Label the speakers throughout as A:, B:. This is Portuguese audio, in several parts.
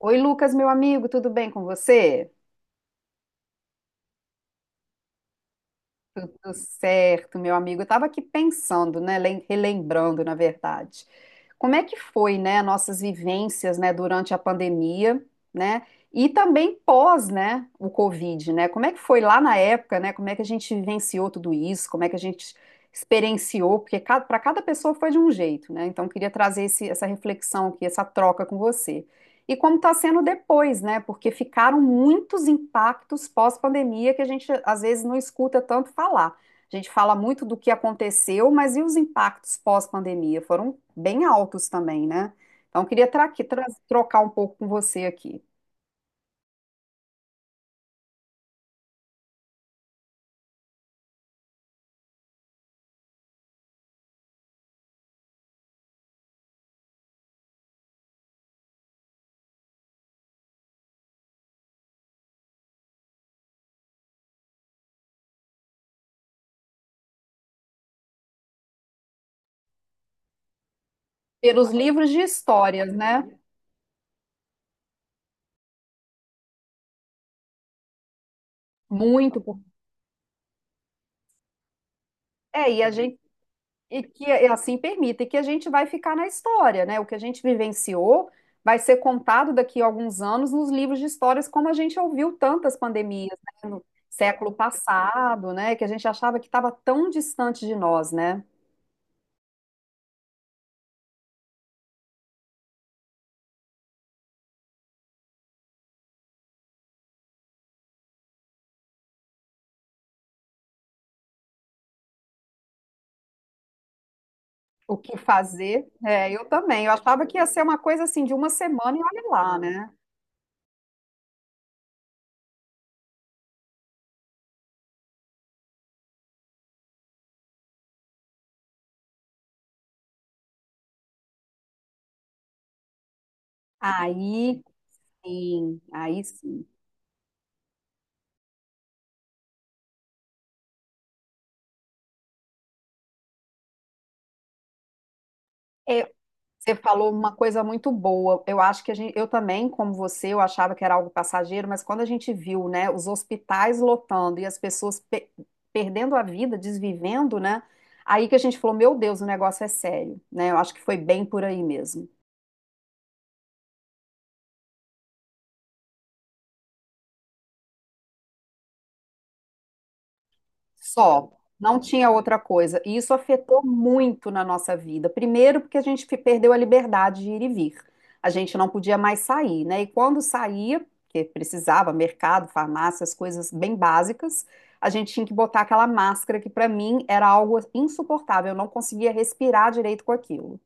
A: Oi, Lucas, meu amigo, tudo bem com você? Tudo certo, meu amigo. Eu estava aqui pensando, né, relembrando, na verdade, como é que foi, né, nossas vivências, né, durante a pandemia, né, e também pós, né, o Covid, né? Como é que foi lá na época, né? Como é que a gente vivenciou tudo isso? Como é que a gente experienciou? Porque para cada pessoa foi de um jeito, né? Então, eu queria trazer essa reflexão aqui, essa troca com você. E como está sendo depois, né? Porque ficaram muitos impactos pós-pandemia que a gente às vezes não escuta tanto falar. A gente fala muito do que aconteceu, mas e os impactos pós-pandemia? Foram bem altos também, né? Então, eu queria trocar um pouco com você aqui. Pelos livros de histórias, né? Muito. É, e a gente E que e assim permita, e que a gente vai ficar na história, né? O que a gente vivenciou vai ser contado daqui a alguns anos nos livros de histórias, como a gente ouviu tantas pandemias, né? No século passado, né? Que a gente achava que estava tão distante de nós, né? O que fazer? É, eu também. Eu achava que ia ser uma coisa assim de uma semana e olha lá, né? Aí sim, aí sim. É, Você falou uma coisa muito boa. Eu acho que a gente, eu também, como você, eu achava que era algo passageiro, mas quando a gente viu, né, os hospitais lotando e as pessoas perdendo a vida, desvivendo, né, aí que a gente falou, meu Deus, o negócio é sério, né? Eu acho que foi bem por aí mesmo. Só, não tinha outra coisa. E isso afetou muito na nossa vida. Primeiro, porque a gente perdeu a liberdade de ir e vir. A gente não podia mais sair, né? E quando saía, que precisava, mercado, farmácia, as coisas bem básicas, a gente tinha que botar aquela máscara que para mim era algo insuportável. Eu não conseguia respirar direito com aquilo.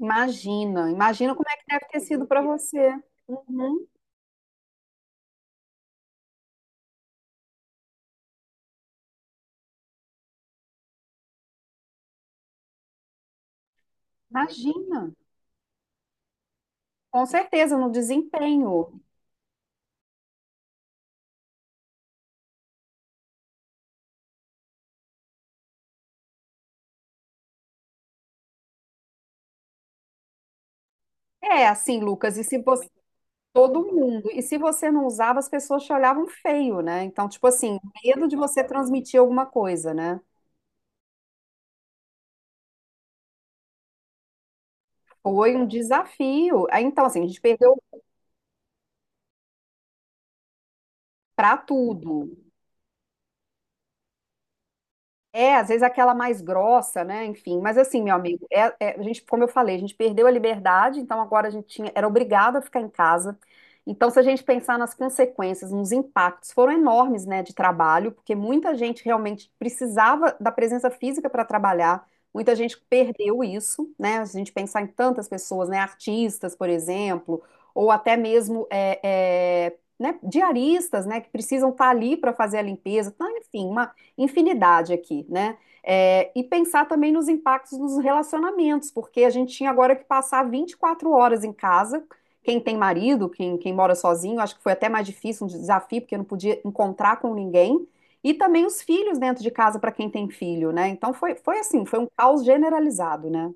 A: Imagina, imagina como é que deve ter sido para você. Uhum, imagina. Com certeza, no desempenho. É assim, Lucas, e se você Todo mundo. E se você não usava, as pessoas te olhavam feio, né? Então, tipo assim, medo de você transmitir alguma coisa, né? Foi um desafio. Aí, então, assim, a gente perdeu pra tudo. É, às vezes aquela mais grossa, né? Enfim, mas assim, meu amigo, a gente, como eu falei, a gente perdeu a liberdade, então agora a gente tinha, era obrigado a ficar em casa. Então, se a gente pensar nas consequências, nos impactos, foram enormes, né, de trabalho, porque muita gente realmente precisava da presença física para trabalhar, muita gente perdeu isso, né? Se a gente pensar em tantas pessoas, né, artistas, por exemplo, ou até mesmo né, diaristas, né, que precisam estar ali para fazer a limpeza, então, enfim, uma infinidade aqui, né? É, e pensar também nos impactos nos relacionamentos, porque a gente tinha agora que passar 24 horas em casa. Quem tem marido, quem mora sozinho, acho que foi até mais difícil, um desafio, porque não podia encontrar com ninguém. E também os filhos dentro de casa para quem tem filho, né? Então foi assim, foi um caos generalizado, né?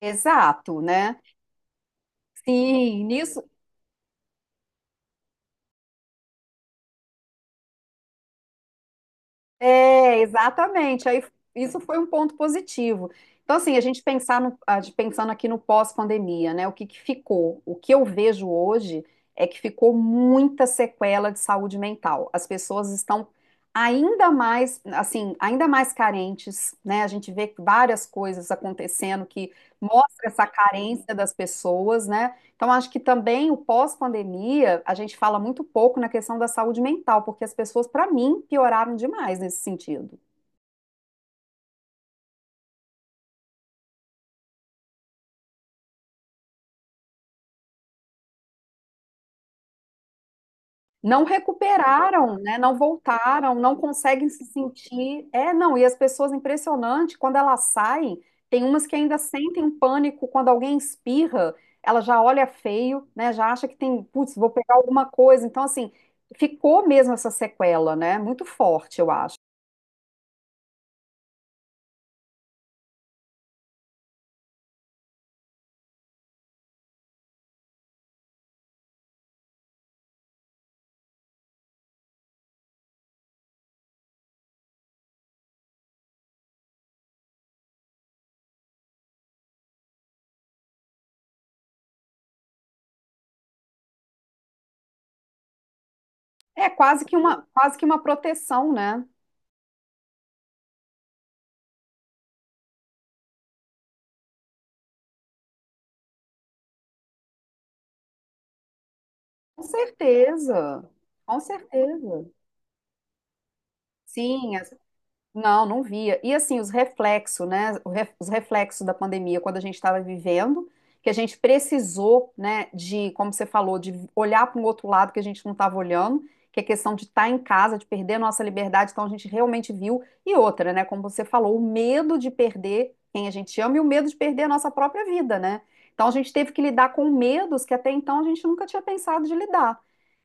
A: Exato, né? Sim, nisso É, exatamente. Aí isso foi um ponto positivo. Então, assim, a gente pensar a gente pensando aqui no pós-pandemia, né? O que que ficou? O que eu vejo hoje é que ficou muita sequela de saúde mental. As pessoas estão ainda mais, assim, ainda mais carentes, né? A gente vê várias coisas acontecendo que mostra essa carência das pessoas, né? Então, acho que também o pós-pandemia, a gente fala muito pouco na questão da saúde mental, porque as pessoas, para mim, pioraram demais nesse sentido. Não recuperaram, né? Não voltaram, não conseguem se sentir. É, não, e as pessoas, impressionante, quando elas saem, tem umas que ainda sentem um pânico quando alguém espirra, ela já olha feio, né? Já acha que tem, putz, vou pegar alguma coisa. Então, assim, ficou mesmo essa sequela, né? Muito forte, eu acho. É quase que uma proteção, né? Com certeza, com certeza. Sim, não, não via. E assim, os reflexos, né? Os reflexos da pandemia, quando a gente estava vivendo, que a gente precisou, né, de, como você falou, de olhar para um outro lado que a gente não estava olhando, que é questão de estar em casa, de perder a nossa liberdade, então a gente realmente viu. E outra, né, como você falou, o medo de perder quem a gente ama e o medo de perder a nossa própria vida, né? Então a gente teve que lidar com medos que até então a gente nunca tinha pensado de lidar.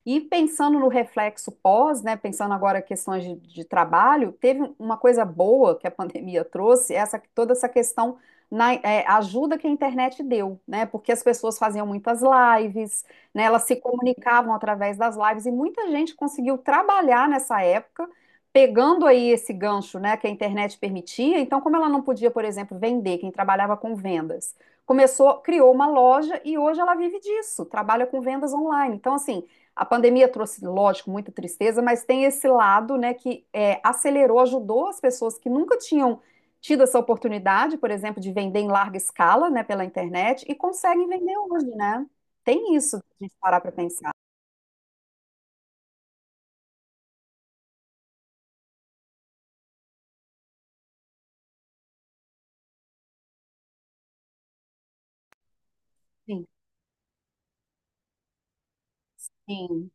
A: E pensando no reflexo pós, né, pensando agora em questões de trabalho, teve uma coisa boa que a pandemia trouxe, essa, toda essa questão na é, ajuda que a internet deu, né? Porque as pessoas faziam muitas lives, né, elas se comunicavam através das lives e muita gente conseguiu trabalhar nessa época, pegando aí esse gancho, né, que a internet permitia. Então, como ela não podia, por exemplo, vender, quem trabalhava com vendas, começou, criou uma loja e hoje ela vive disso, trabalha com vendas online. Então, assim, a pandemia trouxe, lógico, muita tristeza, mas tem esse lado, né, que é, acelerou, ajudou as pessoas que nunca tinham tido essa oportunidade, por exemplo, de vender em larga escala, né, pela internet, e conseguem vender hoje, né? Tem isso, de a gente parar para pensar. Sim, sim.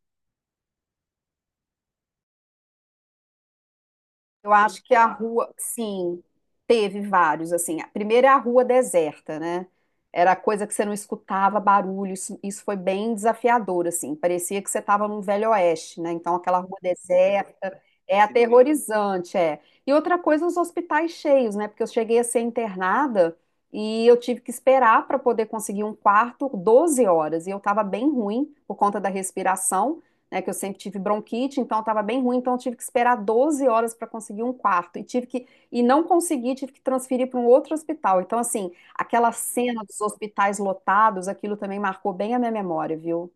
A: Eu acho que a rua, sim, teve vários, assim. A primeira é a rua deserta, né? Era coisa que você não escutava barulho, isso foi bem desafiador, assim. Parecia que você estava num velho oeste, né? Então aquela rua deserta é aterrorizante, é. E outra coisa, os hospitais cheios, né? Porque eu cheguei a ser internada e eu tive que esperar para poder conseguir um quarto 12 horas, e eu estava bem ruim por conta da respiração né, que eu sempre tive bronquite, então eu estava bem ruim, então eu tive que esperar 12 horas para conseguir um quarto e tive que e não consegui, tive que transferir para um outro hospital. Então assim, aquela cena dos hospitais lotados, aquilo também marcou bem a minha memória, viu?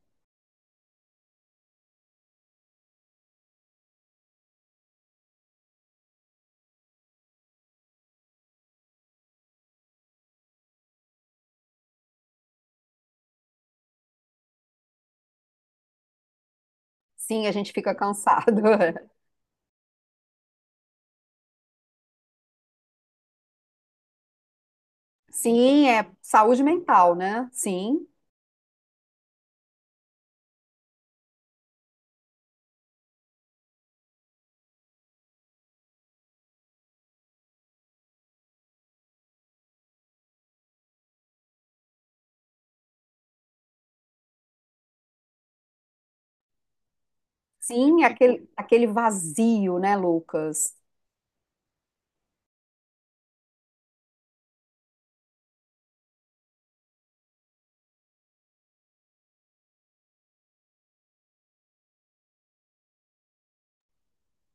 A: Sim, a gente fica cansado. Sim, é saúde mental, né? Sim. Sim, aquele vazio, né, Lucas?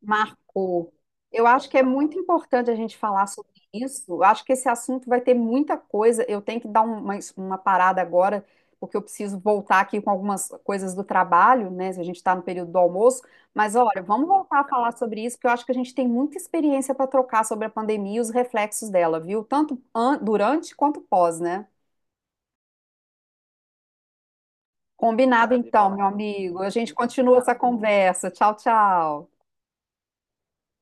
A: Marcou. Eu acho que é muito importante a gente falar sobre isso. Eu acho que esse assunto vai ter muita coisa. Eu tenho que dar uma parada agora, porque eu preciso voltar aqui com algumas coisas do trabalho, né? Se a gente está no período do almoço. Mas olha, vamos voltar a falar sobre isso, porque eu acho que a gente tem muita experiência para trocar sobre a pandemia e os reflexos dela, viu? Tanto durante quanto pós, né? Combinado então, meu amigo. A gente continua essa conversa. Tchau, tchau.